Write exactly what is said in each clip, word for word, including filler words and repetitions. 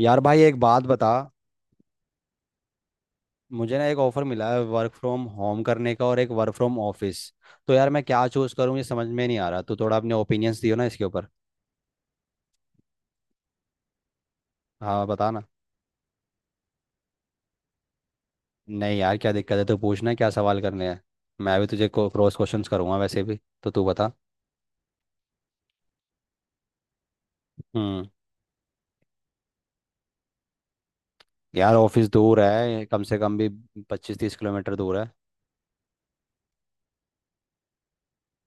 यार भाई, एक बात बता। मुझे ना एक ऑफर मिला है वर्क फ्रॉम होम करने का, और एक वर्क फ्रॉम ऑफिस। तो यार मैं क्या चूज करूँ ये समझ में नहीं आ रहा। तू थोड़ा अपने ओपिनियंस दियो ना इसके ऊपर। हाँ, बता ना। नहीं यार, क्या दिक्कत है, तू पूछना क्या सवाल करने हैं। मैं भी तुझे क्रॉस क्वेश्चंस करूंगा वैसे भी, तो तू बता। हम्म। यार ऑफिस दूर है, कम से कम भी पच्चीस तीस किलोमीटर दूर है।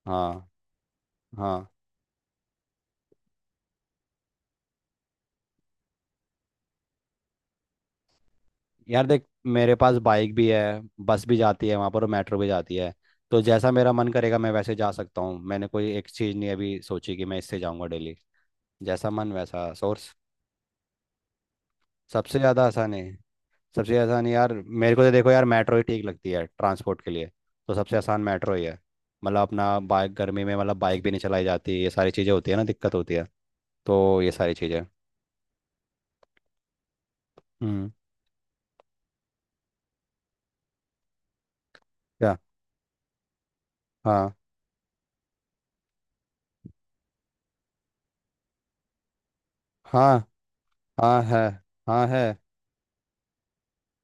हाँ। हाँ। यार देख, मेरे पास बाइक भी है, बस भी जाती है वहाँ पर, और मेट्रो भी जाती है। तो जैसा मेरा मन करेगा मैं वैसे जा सकता हूँ। मैंने कोई एक चीज़ नहीं अभी सोची कि मैं इससे जाऊँगा डेली। जैसा मन वैसा सोर्स। सबसे ज़्यादा आसान है, सबसे आसान यार मेरे को तो, देखो यार मेट्रो ही ठीक लगती है ट्रांसपोर्ट के लिए। तो सबसे आसान मेट्रो ही है। मतलब अपना बाइक गर्मी में, मतलब बाइक भी नहीं चलाई जाती, ये सारी चीज़ें होती है ना, दिक्कत होती है। तो ये सारी चीज़ें। हम्म। क्या। हाँ हाँ। हाँ है। हाँ है।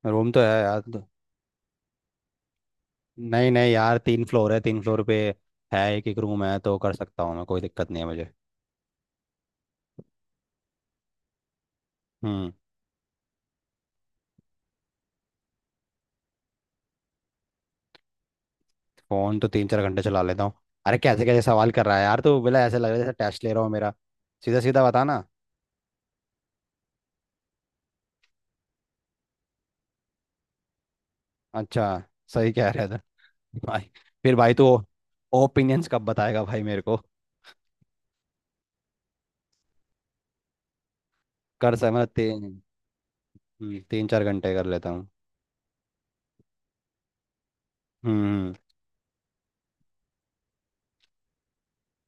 रूम तो है यार तो। नहीं नहीं यार, तीन फ्लोर है, तीन फ्लोर पे है एक एक रूम। है, तो कर सकता हूँ मैं, कोई दिक्कत नहीं है मुझे। हम्म। फोन तो तीन चार घंटे चला लेता हूँ। अरे कैसे कैसे सवाल कर रहा है यार तू, बोला ऐसे लग रहा है जैसे टेस्ट ले रहा हो मेरा। सीधा सीधा बता ना। अच्छा। सही कह रहा था भाई। फिर भाई तू ओपिनियंस कब बताएगा भाई मेरे को। कर सक मैं तीन। हम्म, तीन चार घंटे कर लेता हूँ। हम्म।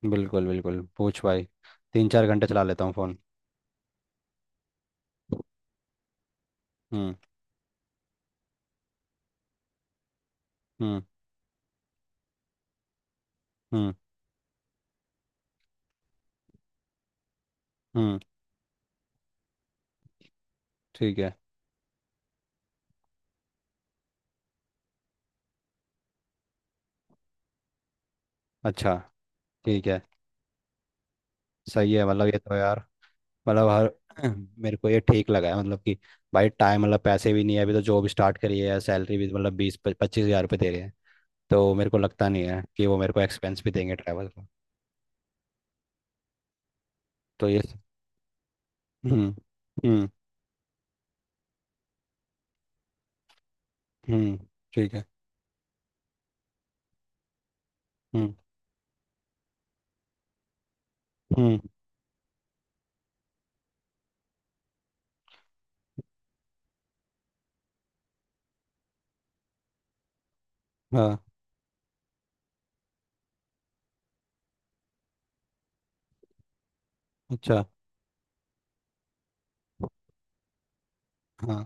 हम्म, बिल्कुल बिल्कुल, पूछ भाई। तीन चार घंटे चला लेता हूँ फोन। हम्म। हम्म। हम्म हम्म ठीक है। अच्छा। ठीक है। सही है, मतलब ये तो यार, मतलब हर मेरे को ये ठीक लगा है, मतलब कि भाई टाइम, मतलब पैसे भी नहीं है अभी, तो जॉब स्टार्ट करी है, सैलरी भी मतलब बीस पच्चीस हज़ार रुपये दे रहे हैं। तो मेरे को लगता नहीं है कि वो मेरे को एक्सपेंस भी देंगे ट्रैवल का। तो ये। हम्म। हम्म। हम्म ठीक है। हम्म। हम्म। हाँ। अच्छा। हाँ।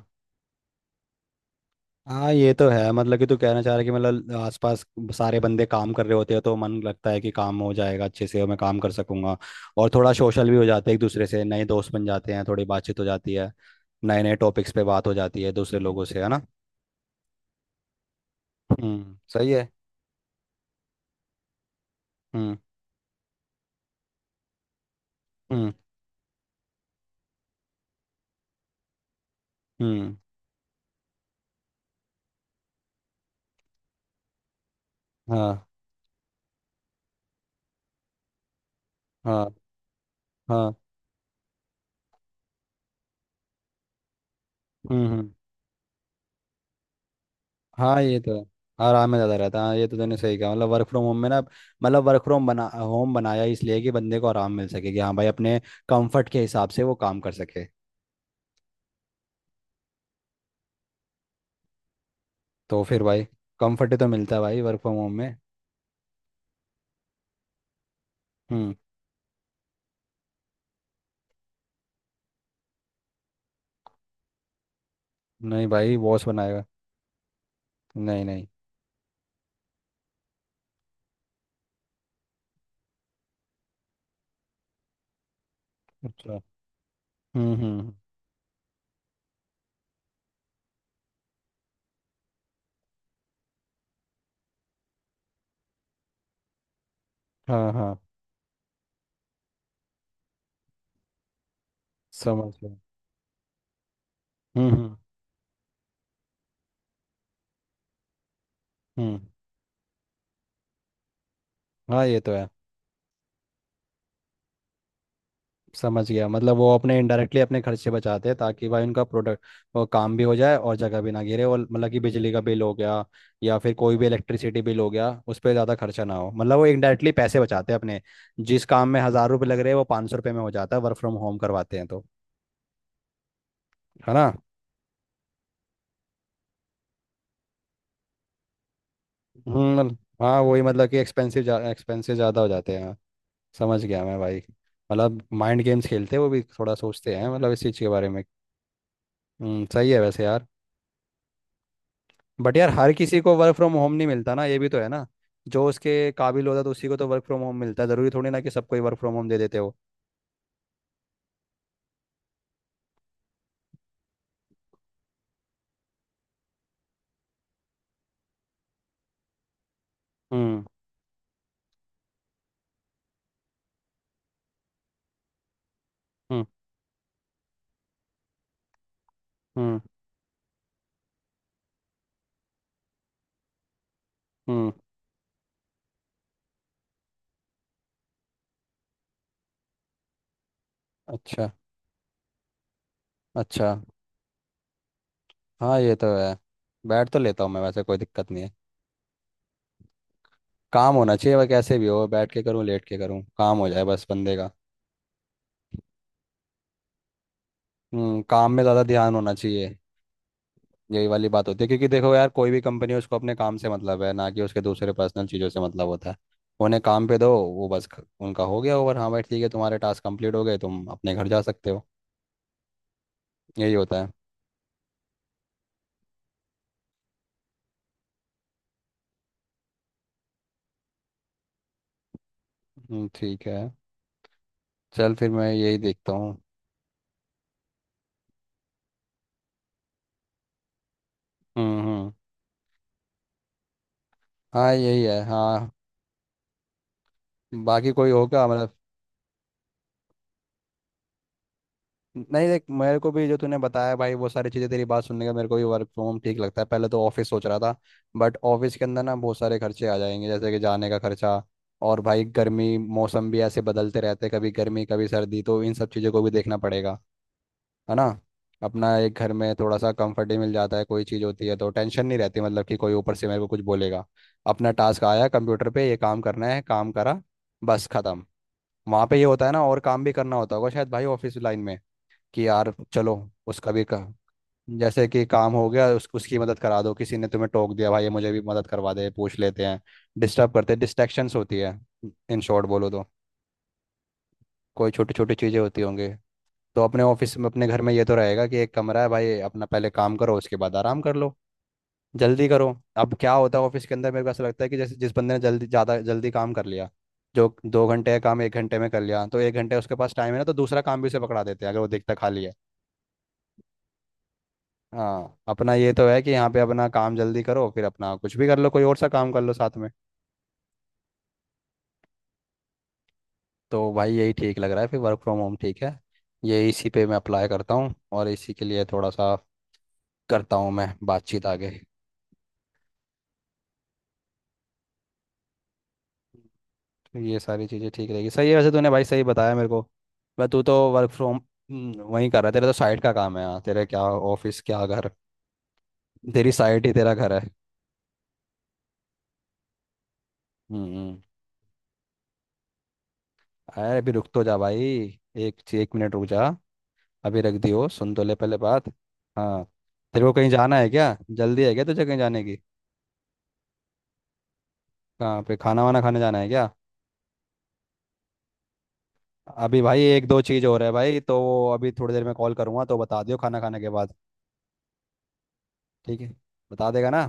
हाँ, ये तो है। मतलब कि तू कहना चाह रहा है कि मतलब आसपास सारे बंदे काम कर रहे होते हैं तो मन लगता है कि काम हो जाएगा अच्छे से, और मैं काम कर सकूंगा। और थोड़ा सोशल भी हो जाते हैं एक दूसरे से, नए दोस्त बन जाते हैं, थोड़ी बातचीत हो जाती है। नए नए टॉपिक्स पे बात हो जाती है दूसरे लोगों से, है ना। हम्म, सही है। हम्म। हम्म। हम्म। हाँ। हाँ। हाँ। हम्म। हम्म। हाँ, ये तो है। आराम में ज़्यादा रहता है, हाँ ये तो तूने सही कहा। मतलब वर्क फ्रॉम होम में ना, मतलब वर्क फ्रॉम बना, होम बनाया इसलिए कि बंदे को आराम मिल सके, कि हाँ भाई अपने कंफर्ट के हिसाब से वो काम कर सके। तो फिर भाई कंफर्ट तो मिलता है भाई वर्क फ्रॉम होम में। हम्म। नहीं भाई, बॉस बनाएगा। नहीं नहीं। अच्छा। हम्म हम्म। हाँ हाँ, समझ गया। हम्म हम्म। हम्म, हाँ ये तो है। समझ गया, मतलब वो अपने इनडायरेक्टली अपने खर्चे बचाते हैं, ताकि भाई उनका प्रोडक्ट वो काम भी हो जाए और जगह भी ना गिरे, और मतलब कि बिजली का बिल हो गया या फिर कोई भी इलेक्ट्रिसिटी बिल हो गया उस पर ज़्यादा खर्चा ना हो। मतलब वो इनडायरेक्टली पैसे बचाते हैं अपने। जिस काम में हज़ार रुपये लग रहे हैं वो पाँच सौ रुपये में हो जाता है वर्क फ्रॉम होम करवाते हैं तो, है ना। हम्म, मतलब- हाँ, वही मतलब कि एक्सपेंसिव जा एक्सपेंसिव ज़्यादा हो जाते हैं हाँ। समझ गया मैं भाई। मतलब माइंड गेम्स खेलते हैं वो भी, थोड़ा सोचते हैं मतलब इस चीज़ के बारे में। हम्म, सही है वैसे यार। बट यार, हर किसी को वर्क फ्रॉम होम नहीं मिलता ना, ये भी तो है ना। जो उसके काबिल होता है तो उसी को तो वर्क फ्रॉम होम मिलता है, ज़रूरी थोड़ी ना कि सबको ही वर्क फ्रॉम होम दे देते हो। हम्म। हम्म। हम्म। हम्म, अच्छा अच्छा। हाँ, ये तो है। बैठ तो लेता हूँ मैं वैसे, कोई दिक्कत नहीं है। काम होना चाहिए, वह कैसे भी हो, बैठ के करूँ लेट के करूँ, काम हो जाए बस बंदे का। हम्म, काम में ज़्यादा ध्यान होना चाहिए। यही वाली बात होती है, क्योंकि देखो यार कोई भी कंपनी है उसको अपने काम से मतलब है ना, कि उसके दूसरे पर्सनल चीज़ों से मतलब होता है। उन्हें काम पे दो, वो बस ख- उनका हो गया ओवर, हाँ भाई ठीक है तुम्हारे टास्क कंप्लीट हो गए तुम अपने घर जा सकते हो। यही होता है। हम्म, ठीक है। चल फिर मैं यही देखता हूँ। हम्म। हम्म। हाँ, यही है हाँ। बाकी कोई होगा मतलब। नहीं देख, मेरे को भी जो तूने बताया भाई वो सारी चीज़ें, तेरी बात सुनने का मेरे को भी वर्क फ्रॉम होम ठीक लगता है। पहले तो ऑफिस सोच रहा था, बट ऑफिस के अंदर ना बहुत सारे खर्चे आ जाएंगे, जैसे कि जाने का खर्चा। और भाई गर्मी, मौसम भी ऐसे बदलते रहते हैं, कभी गर्मी कभी सर्दी, तो इन सब चीज़ों को भी देखना पड़ेगा, है ना। अपना एक घर में थोड़ा सा कंफर्ट ही मिल जाता है, कोई चीज़ होती है तो टेंशन नहीं रहती, मतलब कि कोई ऊपर से मेरे को कुछ बोलेगा। अपना टास्क आया कंप्यूटर पे, ये काम करना है, काम करा, बस खत्म। वहाँ पे ये होता है ना, और काम भी करना होता होगा शायद भाई ऑफिस लाइन में, कि यार चलो उसका भी का। जैसे कि काम हो गया उस, उसकी मदद करा दो, किसी ने तुम्हें टोक दिया भाई ये मुझे भी मदद करवा दे, पूछ लेते हैं, डिस्टर्ब करते हैं, डिस्ट्रैक्शंस होती है। इन शॉर्ट बोलो तो कोई छोटी छोटी चीज़ें होती होंगी। तो अपने ऑफिस में, अपने घर में ये तो रहेगा कि एक कमरा है भाई अपना, पहले काम करो उसके बाद आराम कर लो, जल्दी करो। अब क्या होता है ऑफिस के अंदर मेरे को ऐसा लगता है कि जैसे जिस बंदे ने जल्दी, ज़्यादा जल्दी काम कर लिया, जो दो घंटे का काम एक घंटे में कर लिया, तो एक घंटे उसके पास टाइम है ना, तो दूसरा काम भी उसे पकड़ा देते हैं अगर वो देखता खाली है। हाँ, अपना ये तो है कि यहाँ पे अपना काम जल्दी करो फिर अपना कुछ भी कर लो, कोई और सा काम कर लो साथ में। तो भाई यही ठीक लग रहा है फिर, वर्क फ्रॉम होम ठीक है। ये इसी पे मैं अप्लाई करता हूँ, और इसी के लिए थोड़ा सा करता हूँ मैं बातचीत आगे। तो ये सारी चीज़ें ठीक रहेगी, सही है, वैसे तूने भाई सही बताया मेरे को। मैं, तू तो वर्क फ्रॉम वहीं कर रहा है, तेरा तो साइट का काम है, यहाँ तेरे क्या ऑफिस क्या घर, तेरी साइट ही तेरा घर है। हम्म हम्म। अरे अभी रुक तो जा भाई, एक एक मिनट रुक जा, अभी रख दी हो, सुन तो ले पहले बात। हाँ, तेरे को कहीं जाना है क्या, जल्दी है क्या तुझे कहीं जाने की, कहाँ पे खाना वाना खाने जाना है क्या। अभी भाई एक दो चीज़ हो रहा है भाई, तो वो अभी थोड़ी देर में कॉल करूँगा, तो बता दियो खाना खाने के बाद। ठीक है, बता देगा ना।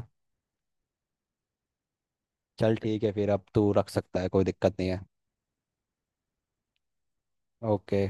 चल ठीक है फिर, अब तू रख सकता है, कोई दिक्कत नहीं है। ओके।